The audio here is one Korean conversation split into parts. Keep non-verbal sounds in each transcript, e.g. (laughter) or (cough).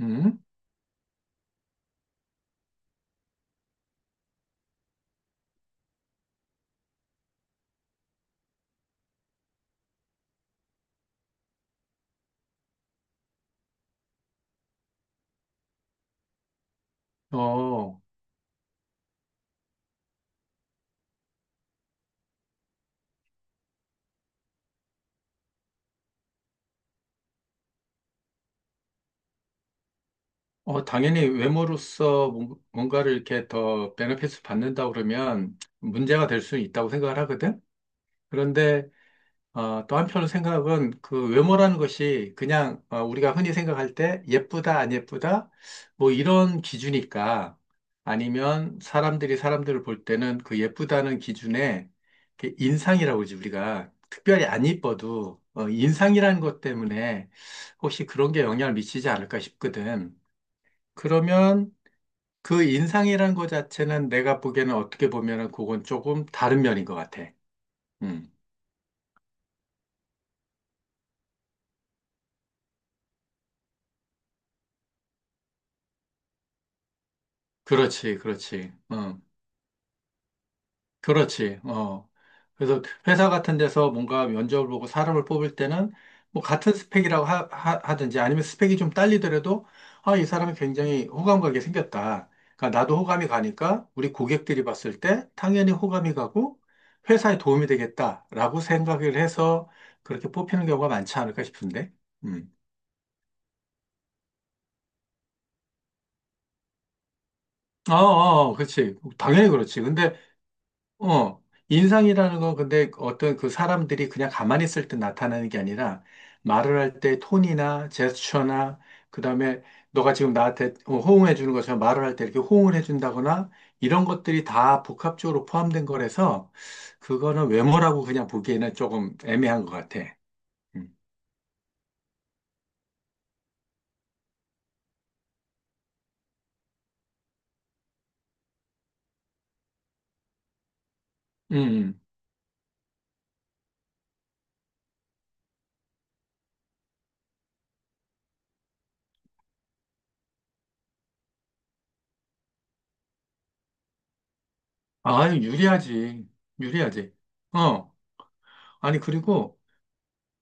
음? 어, 당연히 외모로서 뭔가를 이렇게 더 베네핏을 받는다 그러면 문제가 될 수 있다고 생각을 하거든? 그런데 또 한편으로 생각은 그 외모라는 것이 그냥 우리가 흔히 생각할 때 예쁘다, 안 예쁘다, 뭐 이런 기준일까? 아니면 사람들이 사람들을 볼 때는 그 예쁘다는 기준에 이렇게 인상이라고 그러지, 우리가. 특별히 안 이뻐도 인상이라는 것 때문에 혹시 그런 게 영향을 미치지 않을까 싶거든. 그러면 그 인상이라는 것 자체는 내가 보기에는 어떻게 보면은 그건 조금 다른 면인 것 같아. 음. 그렇지, 그렇지. 어. 그렇지. 어. 그래서 회사 같은 데서 뭔가 면접을 보고 사람을 뽑을 때는 뭐 같은 스펙이라고 든지 아니면 스펙이 좀 딸리더라도 아, 이 사람이 굉장히 호감 가게 생겼다. 그러니까 나도 호감이 가니까 우리 고객들이 봤을 때 당연히 호감이 가고 회사에 도움이 되겠다라고 생각을 해서 그렇게 뽑히는 경우가 많지 않을까 싶은데. 음. 어, 어, 어. 그렇지. 당연히 그렇지. 근데 어, 인상이라는 건 근데 어떤 그 사람들이 그냥 가만히 있을 때 나타나는 게 아니라 말을 할 때 톤이나 제스처나 그다음에 너가 지금 나한테 호응해 주는 것처럼 말을 할 때 이렇게 호응을 해 준다거나 이런 것들이 다 복합적으로 포함된 거라서 그거는 외모라고 그냥 보기에는 조금 애매한 것 같아. 음. 음. 아, 유리하지. 유리하지. 어. 아니, 그리고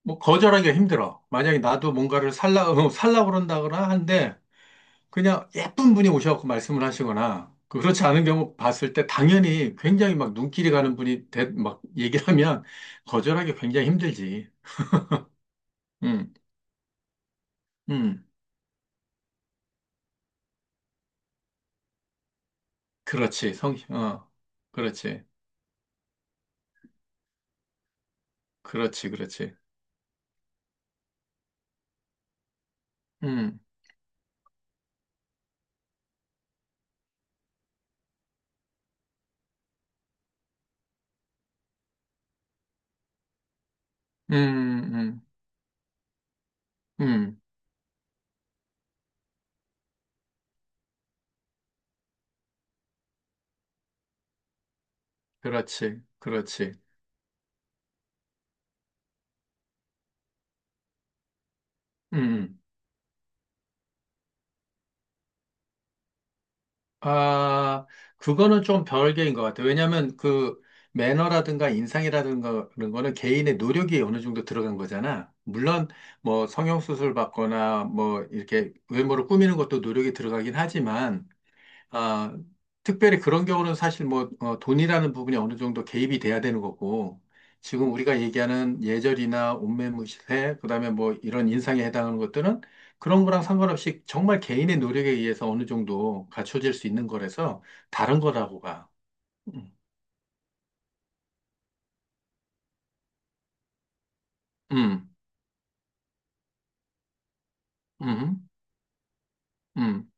뭐 거절하기가 힘들어. 만약에 나도 뭔가를 살라, (laughs) 살라 그런다거나 한데 그냥 예쁜 분이 오셔갖고 말씀을 하시거나 그렇지 않은 경우 봤을 때 당연히 굉장히 막 눈길이 가는 분이 대, 막 얘기를 하면 거절하기 굉장히 힘들지. 음, 음, 그렇지. 성, 어, 그렇지, 그렇지, 그렇지. 음, 음, 음, 음, 그렇지, 그렇지. 음. 응. 아, 그거는 좀 별개인 것 같아요. 왜냐하면 그 매너라든가 인상이라든가 그런 거는 개인의 노력이 어느 정도 들어간 거잖아. 물론 뭐 성형수술 받거나 뭐 이렇게 외모를 꾸미는 것도 노력이 들어가긴 하지만 아, 특별히 그런 경우는 사실 뭐 돈이라는 부분이 어느 정도 개입이 돼야 되는 거고 지금 우리가 얘기하는 예절이나 옷매무새 그다음에 뭐 이런 인상에 해당하는 것들은 그런 거랑 상관없이 정말 개인의 노력에 의해서 어느 정도 갖춰질 수 있는 거라서 다른 거라고 가. 음, 음, 음, 음,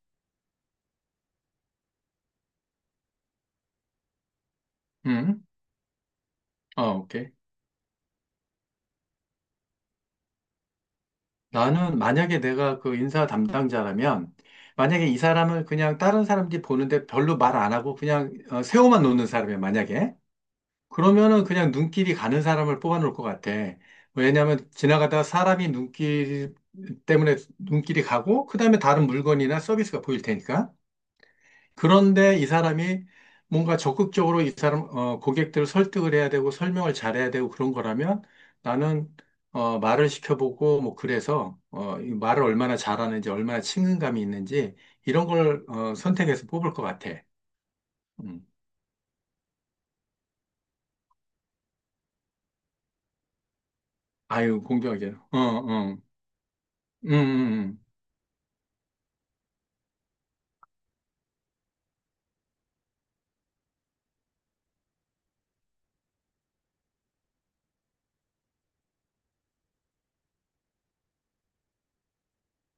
음. 어, 오케이. 나는 만약에 내가 그 인사 담당자라면 만약에 이 사람을 그냥 다른 사람들이 보는데 별로 말 안 하고 그냥 세워만 놓는 사람이야, 만약에. 그러면은 그냥 눈길이 가는 사람을 뽑아놓을 것 같아. 왜냐하면 지나가다 사람이 눈길 때문에 눈길이 가고, 그 다음에 다른 물건이나 서비스가 보일 테니까. 그런데 이 사람이 뭔가 적극적으로 이 사람, 고객들을 설득을 해야 되고, 설명을 잘해야 되고 그런 거라면 나는, 말을 시켜보고, 뭐, 그래서, 이 말을 얼마나 잘하는지, 얼마나 친근감이 있는지, 이런 걸, 선택해서 뽑을 것 같아. 음. 아유, 공정하게. 어, 어. 음, 음.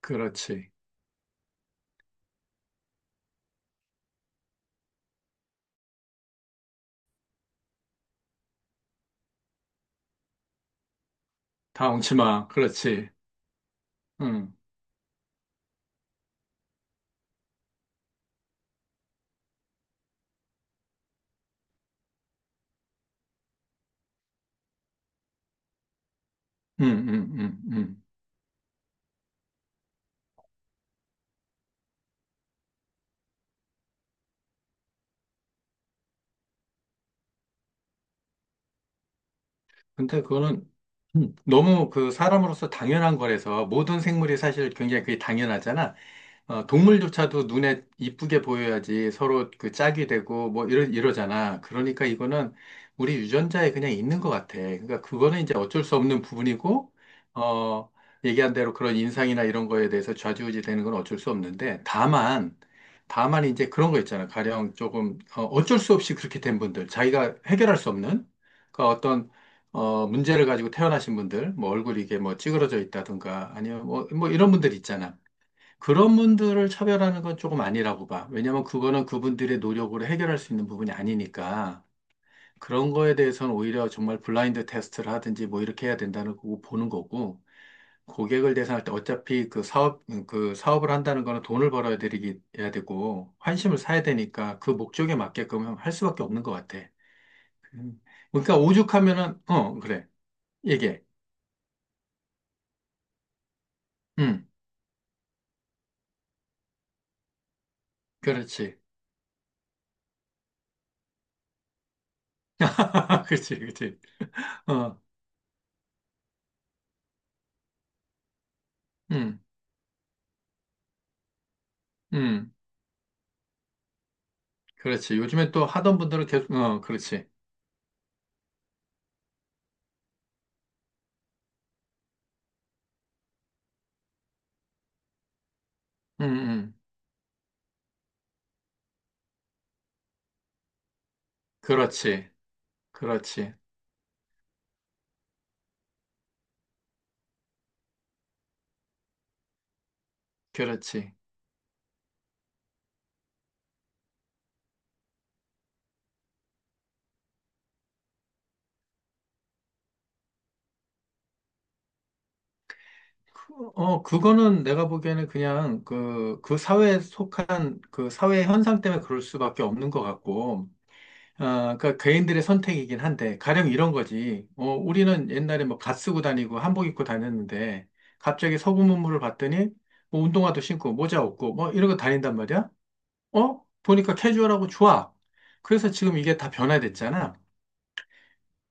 그렇지. 다 엉치마. 그렇지. 응, 응, 응, 응, 응. 근데 그거는 너무 그 사람으로서 당연한 거라서 모든 생물이 사실 굉장히 그게 당연하잖아. 동물조차도 눈에 이쁘게 보여야지 서로 그 짝이 되고 뭐 이러잖아. 그러니까 이거는 우리 유전자에 그냥 있는 것 같아. 그러니까 그거는 이제 어쩔 수 없는 부분이고, 어, 얘기한 대로 그런 인상이나 이런 거에 대해서 좌지우지 되는 건 어쩔 수 없는데, 다만, 다만 이제 그런 거 있잖아. 가령 조금, 어쩔 수 없이 그렇게 된 분들, 자기가 해결할 수 없는, 그러니까 어떤, 문제를 가지고 태어나신 분들, 뭐 얼굴이 이게 뭐 찌그러져 있다든가, 아니면 뭐 이런 분들 있잖아. 그런 분들을 차별하는 건 조금 아니라고 봐. 왜냐면 그거는 그분들의 노력으로 해결할 수 있는 부분이 아니니까. 그런 거에 대해서는 오히려 정말 블라인드 테스트를 하든지 뭐 이렇게 해야 된다는 거고 보는 거고. 고객을 대상할 때 어차피 그 사업을 한다는 거는 돈을 벌어야 되기, 해야 되고, 환심을 사야 되니까 그 목적에 맞게끔 할 수밖에 없는 것 같아. 음. 그러니까 오죽하면은, 어, 그래. 얘기해. 음, 그렇지. (laughs) 그렇지, 그렇지. 어, 음, 음. 그렇지. 요즘에 또 하던 분들은 계속, 어, 그렇지. 응, 응. 그렇지. 그렇지. 그렇지. 어, 그거는 내가 보기에는 그냥 그 사회에 속한 그 사회 현상 때문에 그럴 수밖에 없는 것 같고, 그러니까 개인들의 선택이긴 한데, 가령 이런 거지. 우리는 옛날에 뭐 갓 쓰고 다니고 한복 입고 다녔는데, 갑자기 서구 문물을 봤더니, 뭐 운동화도 신고 모자 없고, 뭐 이런 거 다닌단 말이야? 어? 보니까 캐주얼하고 좋아. 그래서 지금 이게 다 변화됐잖아.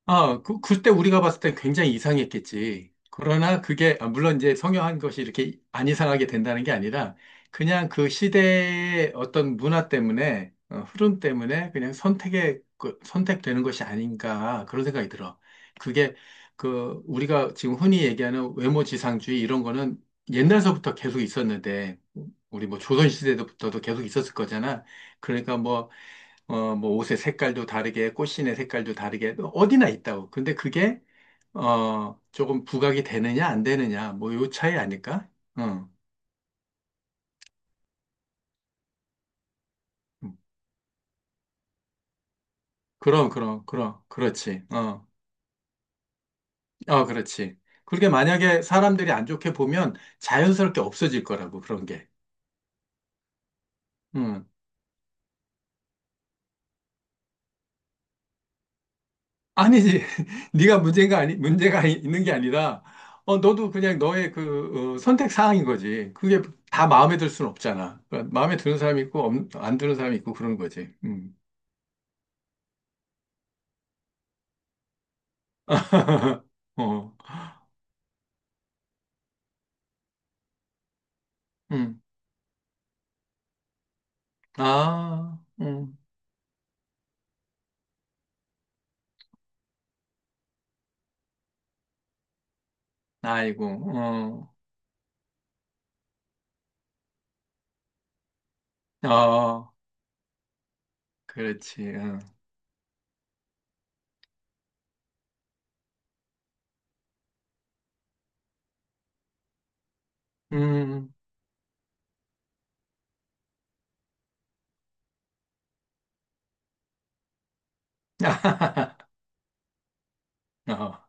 아, 그때 우리가 봤을 때 굉장히 이상했겠지. 그러나 그게, 아, 물론 이제 성형한 것이 이렇게 안 이상하게 된다는 게 아니라, 그냥 그 시대의 어떤 문화 때문에, 흐름 때문에 그냥 선택되는 것이 아닌가, 그런 생각이 들어. 그게, 그, 우리가 지금 흔히 얘기하는 외모지상주의 이런 거는 옛날서부터 계속 있었는데, 우리 뭐 조선시대부터도 계속 있었을 거잖아. 그러니까 뭐, 어, 뭐 옷의 색깔도 다르게, 꽃신의 색깔도 다르게, 어디나 있다고. 근데 그게, 조금 부각이 되느냐, 안 되느냐, 뭐 요 차이 아닐까? 어. 음. 그럼, 그렇지. 어, 어, 그렇지. 그게 렇 만약에 사람들이 안 좋게 보면 자연스럽게 없어질 거라고, 그런 게. 음. 아니지. (laughs) 네가 문제가 있는 게 아니라, 너도 그냥 너의 선택 사항인 거지. 그게 다 마음에 들 수는 없잖아. 그러니까 마음에 드는 사람이 있고, 안 드는 사람이 있고, 그런 거지. 음. (laughs) 어, 음, 아, 아이고, 어, 어, 그렇지, 응, 음, (laughs) 어,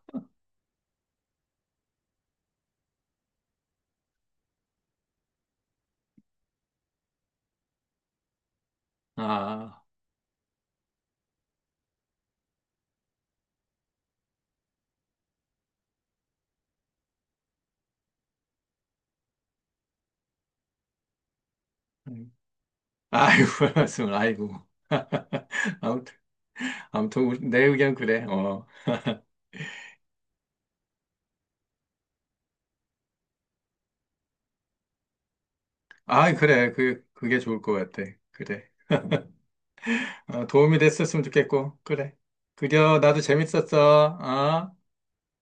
아, 음. 아이고, (laughs) 말씀, 아이고, 아무튼, 아무튼, 내 의견 그래, 어, 아, 그래, 그게 좋을 것 같아, 그래, 어, 도움이 됐었으면 좋겠고, 그래, 그려, 나도 재밌었어, 어?